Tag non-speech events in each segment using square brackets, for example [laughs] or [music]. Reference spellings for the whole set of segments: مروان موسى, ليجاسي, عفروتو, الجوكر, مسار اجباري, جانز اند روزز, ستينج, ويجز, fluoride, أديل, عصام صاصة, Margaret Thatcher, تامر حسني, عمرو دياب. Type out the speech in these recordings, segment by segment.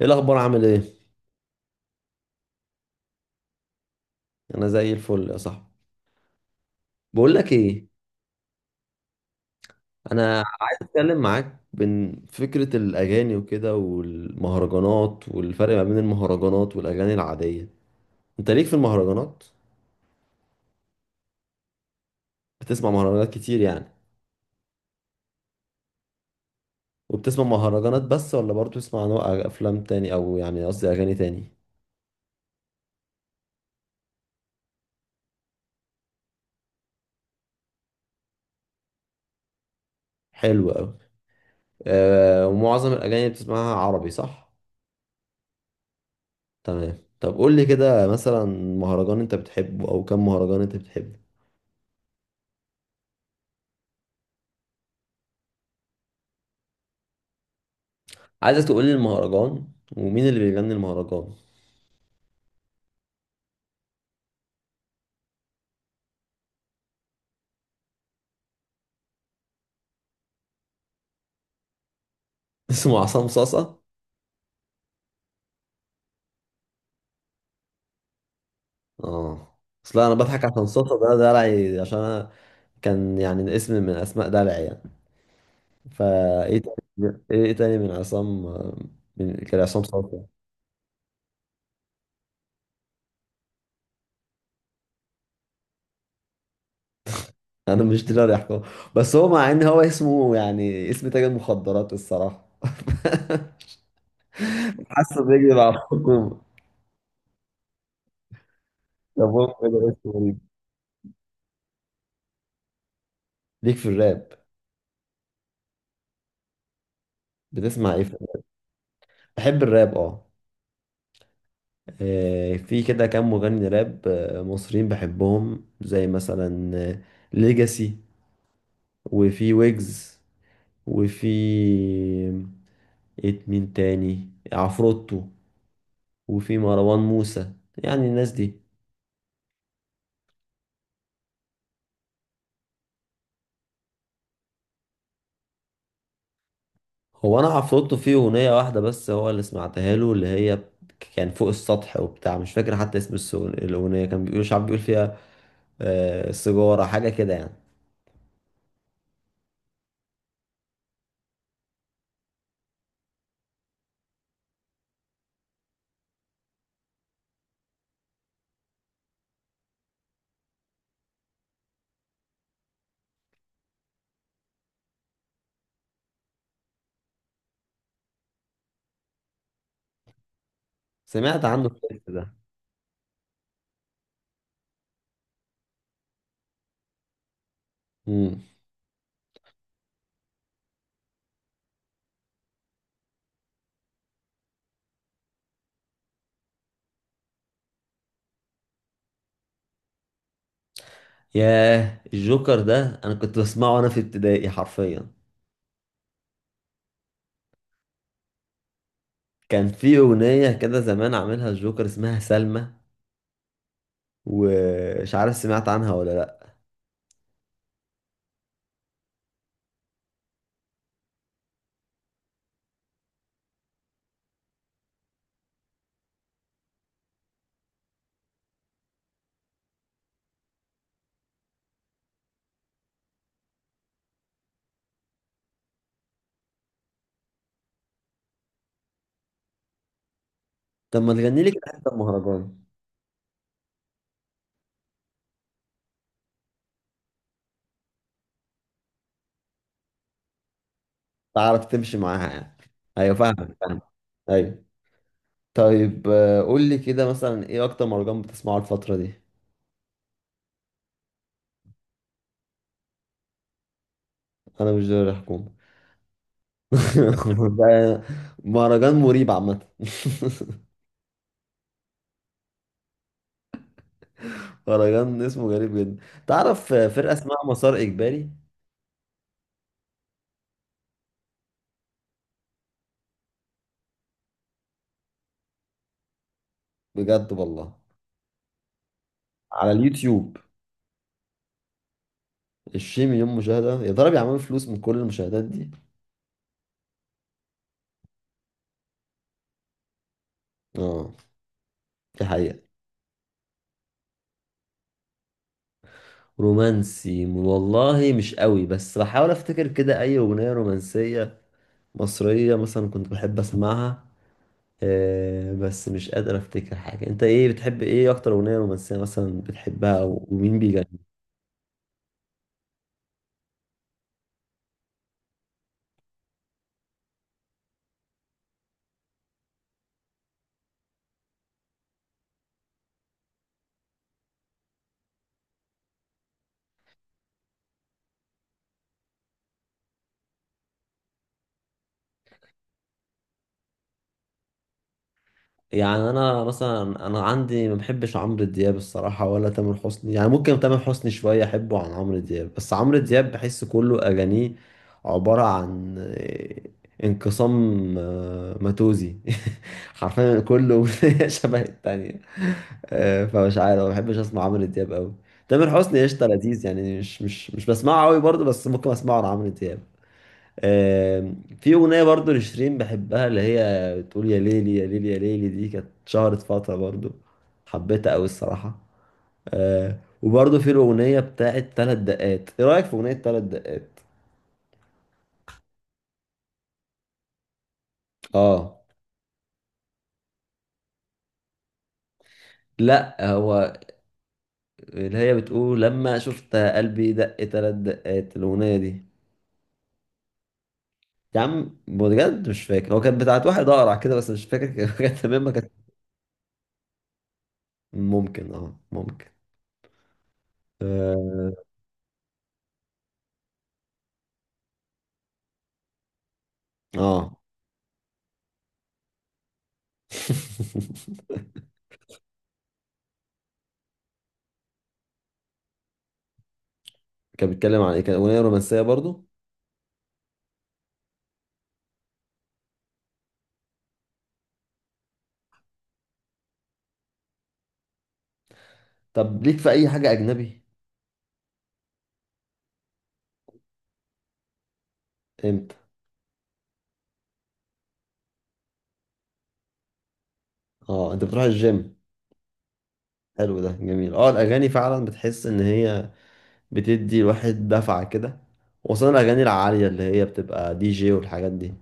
ايه الاخبار؟ عامل ايه؟ انا زي الفل يا صاحبي. بقول لك ايه؟ انا عايز اتكلم معاك بين فكره الاغاني وكده، والمهرجانات، والفرق ما بين المهرجانات والاغاني العاديه. انت ليك في المهرجانات؟ بتسمع مهرجانات كتير يعني؟ وبتسمع مهرجانات بس ولا برضه بتسمع نوع افلام تاني، او يعني قصدي اغاني تاني؟ حلو قوي. آه، ومعظم الاغاني اللي بتسمعها عربي، صح؟ تمام. طب قول لي كده مثلا، مهرجان انت بتحبه، او كم مهرجان انت بتحبه؟ عايزك تقول لي المهرجان، ومين اللي بيغني المهرجان. [laughs] اسمه عصام صاصة؟ اه، اصل انا بضحك عشان صاصة ده دلعي، عشان انا كان يعني اسم من اسماء دلعي يعني. فايه تاني، ايه تاني من عصام؟ من كان عصام صاصة. انا مش دلوقتي احكم، بس هو مع ان هو اسمه يعني اسم تاجر مخدرات الصراحة. [laughs] حاسه بيكذب على الحكومة. طب هو كده اسمه غريب. ليك في الراب؟ بتسمع ايه في الراب؟ بحب الراب، اه. في كده كام مغني راب مصريين بحبهم، زي مثلا ليجاسي، وفي ويجز، وفي إيه مين تاني، عفروتو، وفي مروان موسى. يعني الناس دي. هو انا عفروتو فيه اغنية واحدة بس هو اللي سمعتها له، اللي هي كان فوق السطح وبتاع، مش فاكر حتى اسم الاغنية. كان بيقول شعب، بيقول فيها سيجارة، حاجة كده يعني. سمعت عنه الكليب ده. مم. ياه، الجوكر ده انا كنت بسمعه وانا في ابتدائي حرفيا. كان في اغنية كده زمان عاملها الجوكر اسمها سلمى، ومش عارف سمعت عنها ولا لا. طب ما تغني لي كده حتة مهرجان. تعرف تمشي معاها يعني. ايوه، فاهمك، فاهم. ايوه. طيب قول لي كده مثلا، ايه اكتر مهرجان بتسمعه الفترة دي؟ انا مش دوري الحكومة. [laughs] ده مهرجان مريب عامة. [laughs] مهرجان اسمه غريب جدا. تعرف فرقة اسمها مسار اجباري؟ بجد والله؟ على اليوتيوب؟ 20 مليون مشاهدة؟ يا ترى بيعملوا فلوس من كل المشاهدات دي؟ اه، دي حقيقة. رومانسي والله مش قوي، بس بحاول افتكر كده اي اغنية رومانسية مصرية مثلا كنت بحب اسمعها. بس مش قادر افتكر حاجة. انت ايه، بتحب ايه اكتر اغنية رومانسية مثلا بتحبها، ومين؟ يعني انا مثلا، انا عندي ما بحبش عمرو دياب الصراحه ولا تامر حسني، يعني ممكن تامر حسني شويه احبه عن عمرو دياب، بس عمرو دياب بحس كله اغانيه عباره عن انقسام ماتوزي. [laughs] حرفيا كله أغنية [laughs] شبه التانية. فمش عارف، ما بحبش اسمع عمرو دياب قوي. تامر حسني قشطه، لذيذ يعني، مش بسمعه قوي برضه، بس ممكن اسمعه عن عمرو دياب. في أغنية برضو لشيرين بحبها، اللي هي بتقول يا ليلي يا ليلي يا ليلي. دي كانت شهرت فترة برضو، حبيتها أوي الصراحة. آه، وبرضو في الأغنية بتاعت تلات دقات. إيه رأيك في أغنية تلات دقات؟ آه. لأ، هو اللي هي بتقول لما شفت قلبي دق تلات دقات، الأغنية دي. يا عم بجد مش فاكر، هو كانت بتاعت واحد أقرع كده بس مش فاكر. كانت [laughs] كانت تمام ما كانت. ممكن، اه، ممكن. اه. آه. [laughs] كان بيتكلم عن ايه؟ كان اغنيه رومانسيه برضو؟ طب ليك في اي حاجه اجنبي؟ امتى؟ اه، انت بتروح الجيم. حلو، ده جميل. اه الاغاني فعلا بتحس ان هي بتدي الواحد دفعه كده، وخصوصا الاغاني العاليه اللي هي بتبقى دي جي والحاجات دي.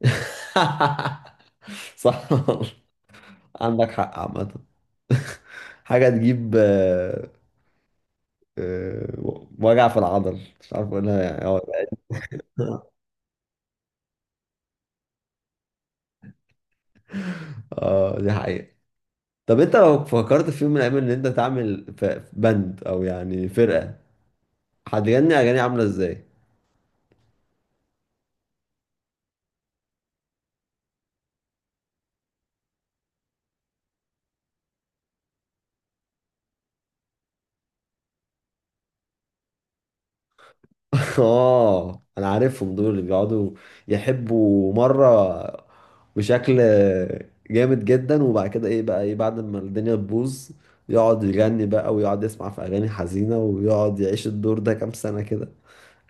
[laughs] صح. عندك حق عامه. [laughs] حاجه تجيب وجع في العضل، مش عارف اقولها يعني، اه. [laughs] دي حقيقه. طب انت لو فكرت في يوم من الايام ان انت تعمل باند، او يعني فرقه، هتغني اغاني عامله ازاي؟ [laughs] اه انا عارفهم دول، اللي بيقعدوا يحبوا مره بشكل جامد جدا، وبعد كده ايه بقى، ايه بعد ما الدنيا تبوظ؟ يقعد يغني بقى، ويقعد يسمع في اغاني حزينه، ويقعد يعيش الدور ده كام سنه كده.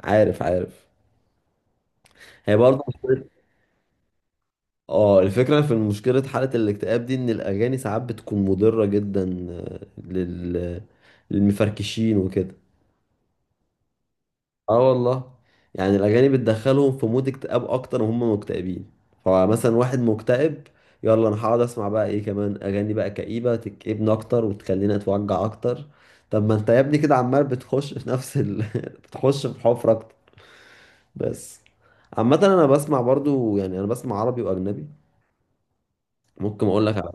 عارف، عارف. هي برضه، اه، الفكرة في مشكلة حالة الاكتئاب دي ان الاغاني ساعات بتكون مضرة جدا للمفركشين وكده. اه والله. يعني الاغاني بتدخلهم في مود اكتئاب اكتر وهم مكتئبين. فمثلا واحد مكتئب، يلا انا هقعد اسمع بقى ايه كمان، اغاني بقى كئيبة تكئبني اكتر وتخليني اتوجع اكتر. طب ما انت يا ابني كده عمال بتخش في نفس [laughs] بتخش في حفرة اكتر. بس، عامة انا بسمع برضو، يعني انا بسمع عربي واجنبي. ممكن اقول لك على،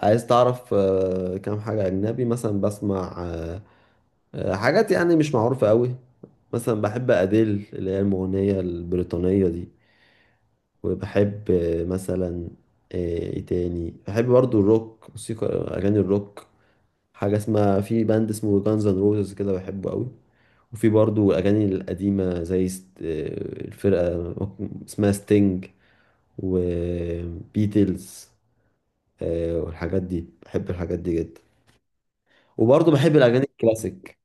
عايز تعرف كام حاجة أجنبي مثلا بسمع؟ حاجات يعني مش معروفة قوي. مثلا بحب أديل، اللي هي المغنية البريطانية دي. وبحب مثلا إيه تاني، بحب برضو الروك، موسيقى أغاني الروك. حاجة اسمها، في باند اسمه جانز اند روزز كده، بحبه قوي. وفي برضو الأغاني القديمة زي الفرقة اسمها ستينج، وبيتلز، والحاجات دي. بحب الحاجات دي جدا. وبرضه بحب الاغاني الكلاسيك.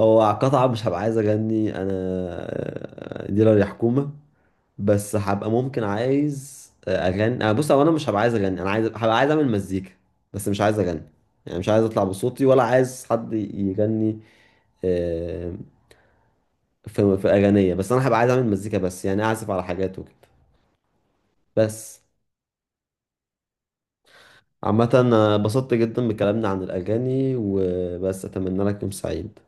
هو قطعة، مش هبقى عايز اغني انا ديلر يا حكومة، بس هبقى ممكن عايز اغني. أنا، بص، هو انا مش هبقى عايز اغني، انا عايز، هبقى عايز اعمل مزيكا بس، مش عايز اغني، يعني مش عايز اطلع بصوتي، ولا عايز حد يغني آه، في في اغانية، بس انا هبقى عايز اعمل مزيكا بس، يعني اعزف على حاجات وكده. بس. عامة أنا اتبسطت جدا بكلامنا عن الأغاني، وبس، أتمنى لك يوم سعيد.